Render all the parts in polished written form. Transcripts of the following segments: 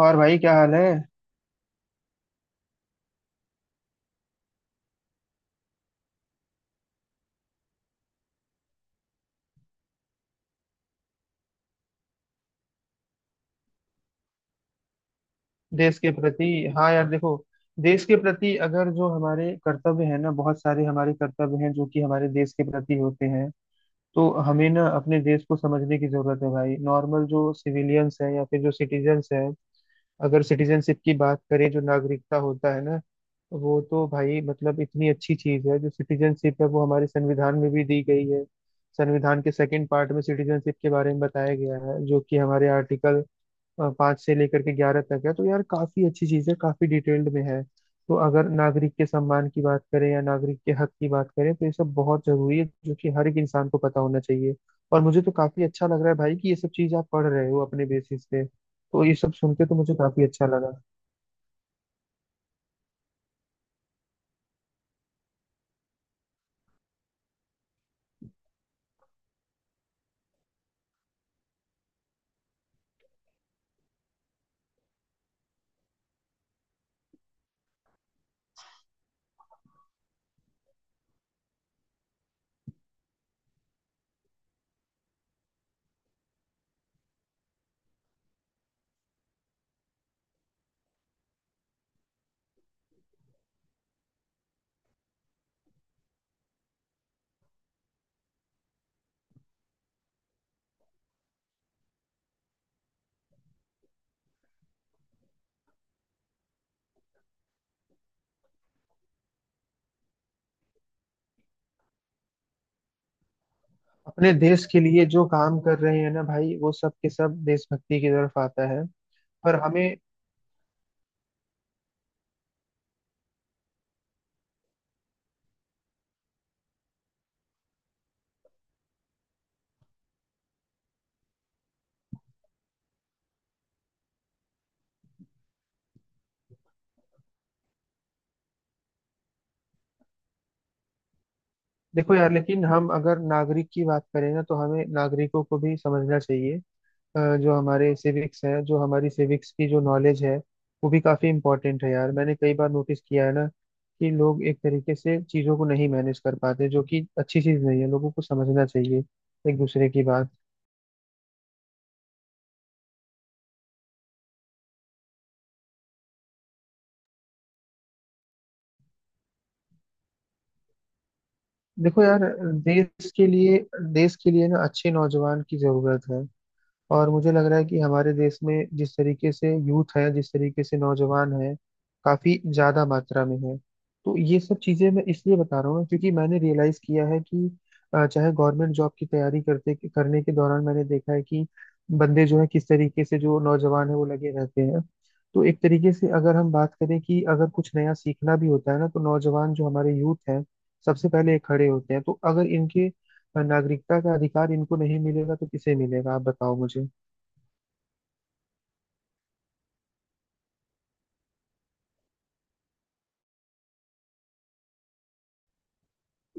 और भाई क्या हाल है। देश के प्रति, हाँ यार देखो, देश के प्रति अगर जो हमारे कर्तव्य है ना, बहुत सारे हमारे कर्तव्य हैं जो कि हमारे देश के प्रति होते हैं। तो हमें ना अपने देश को समझने की जरूरत है भाई। नॉर्मल जो सिविलियंस है या फिर जो सिटीजन्स है, अगर सिटीजनशिप की बात करें, जो नागरिकता होता है ना, वो तो भाई मतलब इतनी अच्छी चीज है। जो सिटीजनशिप है वो हमारे संविधान में भी दी गई है। संविधान के सेकंड पार्ट में सिटीजनशिप के बारे में बताया गया है, जो कि हमारे आर्टिकल 5 से लेकर के 11 तक है। तो यार काफी अच्छी चीज है, काफी डिटेल्ड में है। तो अगर नागरिक के सम्मान की बात करें या नागरिक के हक की बात करें, तो ये सब बहुत जरूरी है जो कि हर एक इंसान को पता होना चाहिए। और मुझे तो काफी अच्छा लग रहा है भाई कि ये सब चीज आप पढ़ रहे हो अपने बेसिस पे। तो ये सब सुन के तो मुझे काफी अच्छा लगा। अपने देश के लिए जो काम कर रहे हैं ना भाई, वो सब के सब देशभक्ति की तरफ आता है। पर हमें, देखो यार, लेकिन हम अगर नागरिक की बात करें ना, तो हमें नागरिकों को भी समझना चाहिए। जो हमारे सिविक्स है, जो हमारी सिविक्स की जो नॉलेज है, वो भी काफ़ी इंपॉर्टेंट है यार। मैंने कई बार नोटिस किया है ना कि लोग एक तरीके से चीज़ों को नहीं मैनेज कर पाते, जो कि अच्छी चीज़ नहीं है। लोगों को समझना चाहिए एक दूसरे की बात। देखो यार, देश के लिए, देश के लिए ना अच्छे नौजवान की ज़रूरत है। और मुझे लग रहा है कि हमारे देश में जिस तरीके से यूथ है, जिस तरीके से नौजवान है, काफी ज्यादा मात्रा में है। तो ये सब चीजें मैं इसलिए बता रहा हूँ क्योंकि मैंने रियलाइज किया है कि चाहे गवर्नमेंट जॉब की तैयारी करते करने के दौरान मैंने देखा है कि बंदे जो है, किस तरीके से जो नौजवान है वो लगे रहते हैं। तो एक तरीके से अगर हम बात करें कि अगर कुछ नया सीखना भी होता है ना, तो नौजवान जो हमारे यूथ हैं, सबसे पहले ये खड़े होते हैं। तो अगर इनके नागरिकता का अधिकार इनको नहीं मिलेगा तो किसे मिलेगा, आप बताओ मुझे।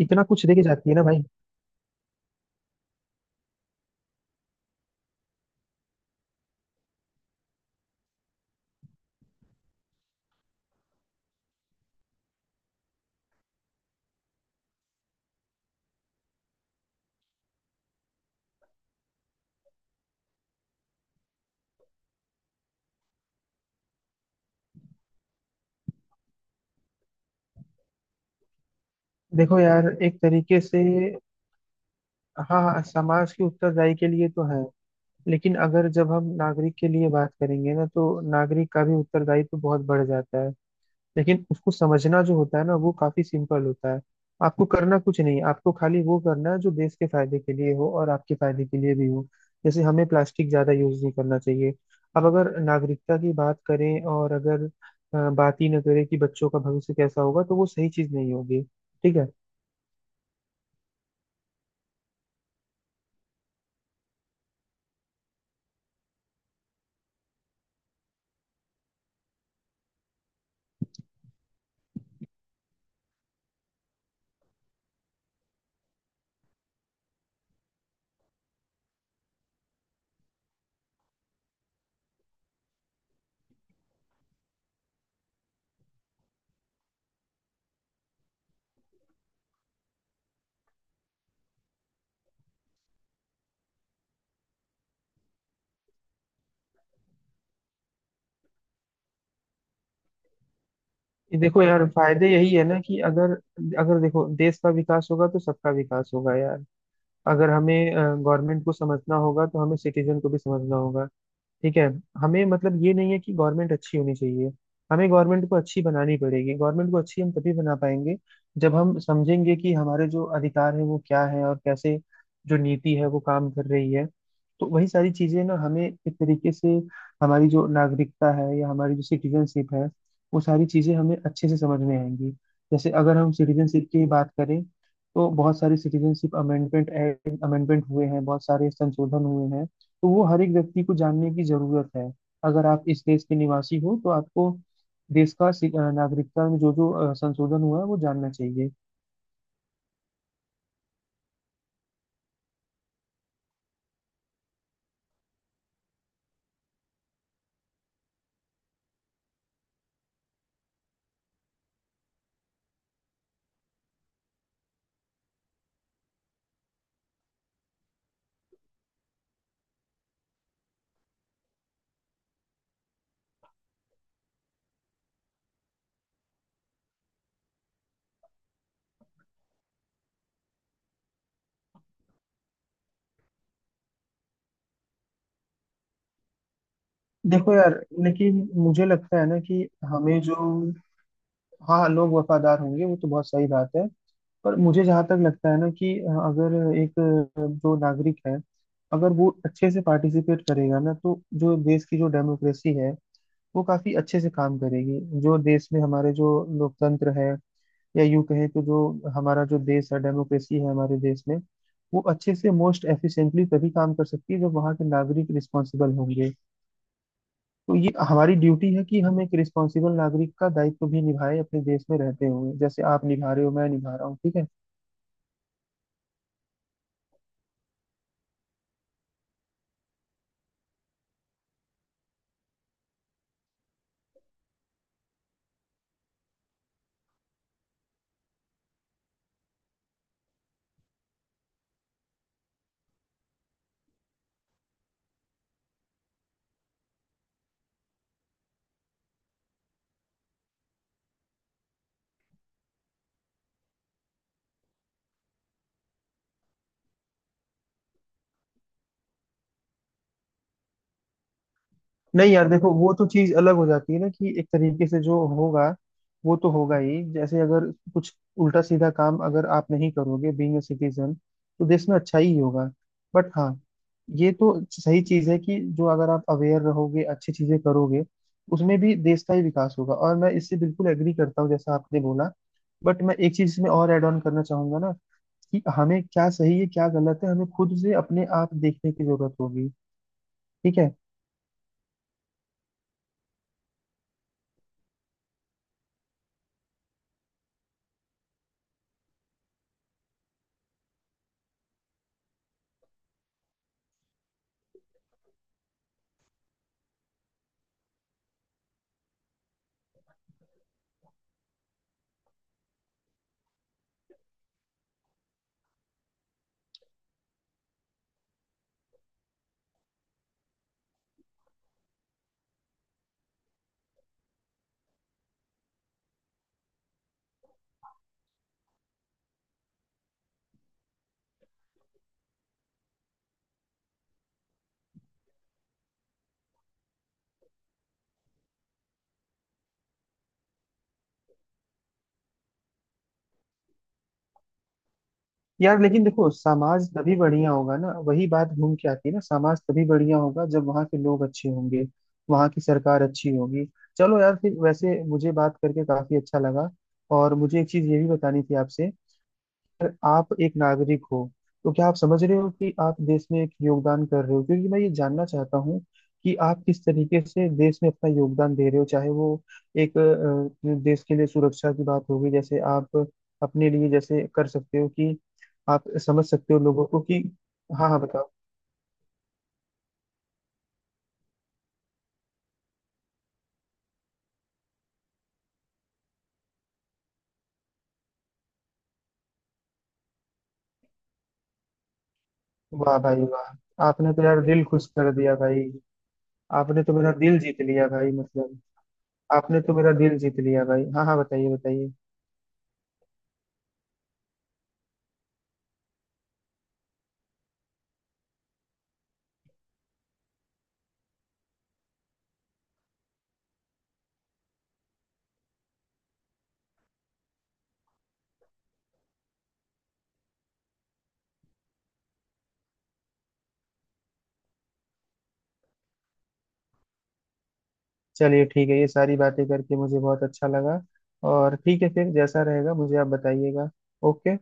इतना कुछ दे के जाती है ना भाई। देखो यार, एक तरीके से, हाँ हाँ, समाज की उत्तरदायी के लिए तो है, लेकिन अगर जब हम नागरिक के लिए बात करेंगे ना, तो नागरिक का भी उत्तरदायित्व बहुत बढ़ जाता है। लेकिन उसको समझना जो होता है ना, वो काफी सिंपल होता है। आपको करना कुछ नहीं, आपको खाली वो करना है जो देश के फायदे के लिए हो और आपके फायदे के लिए भी हो। जैसे हमें प्लास्टिक ज्यादा यूज नहीं करना चाहिए। अब अगर नागरिकता की बात करें और अगर बात ही न करें कि बच्चों का भविष्य कैसा होगा, तो वो सही चीज नहीं होगी। ठीक है। देखो यार, फायदे यही है ना कि अगर, अगर देखो देश का विकास होगा तो सबका विकास होगा यार। अगर हमें गवर्नमेंट को समझना होगा, तो हमें सिटीजन को भी समझना होगा। ठीक है। हमें मतलब ये नहीं है कि गवर्नमेंट अच्छी होनी चाहिए, हमें गवर्नमेंट को अच्छी बनानी पड़ेगी। गवर्नमेंट को अच्छी हम तभी बना पाएंगे जब हम समझेंगे कि हमारे जो अधिकार है वो क्या है, और कैसे जो नीति है वो काम कर रही है। तो वही सारी चीजें ना हमें एक तरीके से, हमारी जो नागरिकता है या हमारी जो सिटीजनशिप है, वो सारी चीजें हमें अच्छे से समझ में आएंगी। जैसे अगर हम सिटीजनशिप की बात करें, तो बहुत सारे सिटीजनशिप अमेंडमेंट एक्ट अमेंडमेंट हुए हैं, बहुत सारे संशोधन हुए हैं। तो वो हर एक व्यक्ति को जानने की जरूरत है। अगर आप इस देश के निवासी हो तो आपको देश का नागरिकता में जो जो संशोधन हुआ है वो जानना चाहिए। देखो यार, लेकिन मुझे लगता है ना कि हमें जो, हाँ हाँ, लोग वफादार होंगे वो तो बहुत सही बात है। पर मुझे जहाँ तक लगता है ना कि अगर एक जो नागरिक है, अगर वो अच्छे से पार्टिसिपेट करेगा ना, तो जो देश की जो डेमोक्रेसी है वो काफी अच्छे से काम करेगी। जो देश में हमारे जो लोकतंत्र है, या यूं कहें कि जो हमारा जो देश है, डेमोक्रेसी है हमारे देश में, वो अच्छे से मोस्ट एफिशिएंटली तभी काम कर सकती है जब वहाँ के नागरिक रिस्पॉन्सिबल होंगे। तो ये हमारी ड्यूटी है कि हम एक रिस्पॉन्सिबल नागरिक का दायित्व भी निभाए अपने देश में रहते हुए, जैसे आप निभा रहे हो, मैं निभा रहा हूँ। ठीक है। नहीं यार, देखो वो तो चीज अलग हो जाती है ना कि एक तरीके से जो होगा वो तो होगा ही। जैसे अगर कुछ उल्टा सीधा काम अगर आप नहीं करोगे बीइंग अ सिटीजन, तो देश में अच्छा ही होगा। बट हाँ, ये तो सही चीज है कि जो अगर आप अवेयर रहोगे, अच्छी चीजें करोगे, उसमें भी देश का ही विकास होगा। और मैं इससे बिल्कुल एग्री करता हूँ जैसा आपने बोला। बट मैं एक चीज इसमें और एड ऑन करना चाहूंगा ना, कि हमें क्या सही है क्या गलत है, हमें खुद से अपने आप देखने की जरूरत होगी। ठीक है। यार लेकिन देखो, समाज तभी बढ़िया होगा ना, वही बात घूम के आती है ना, समाज तभी बढ़िया होगा जब वहाँ के लोग अच्छे होंगे, वहाँ की सरकार अच्छी होगी। चलो यार, फिर वैसे मुझे बात करके काफी अच्छा लगा। और मुझे एक चीज ये भी बतानी थी आपसे। अगर आप एक नागरिक हो, तो क्या आप समझ रहे हो कि आप देश में एक योगदान कर रहे हो? क्योंकि मैं ये जानना चाहता हूँ कि आप किस तरीके से देश में अपना योगदान दे रहे हो। चाहे वो एक देश के लिए सुरक्षा की बात होगी, जैसे आप अपने लिए जैसे कर सकते हो, कि आप समझ सकते हो लोगों को कि, हाँ हाँ बताओ। वाह भाई वाह, आपने तो यार दिल खुश कर दिया भाई। आपने तो मेरा दिल जीत लिया भाई, मतलब आपने तो मेरा दिल जीत लिया भाई। हाँ हाँ, बताइए बताइए। चलिए ठीक है, ये सारी बातें करके मुझे बहुत अच्छा लगा। और ठीक है, फिर जैसा रहेगा मुझे आप बताइएगा। ओके।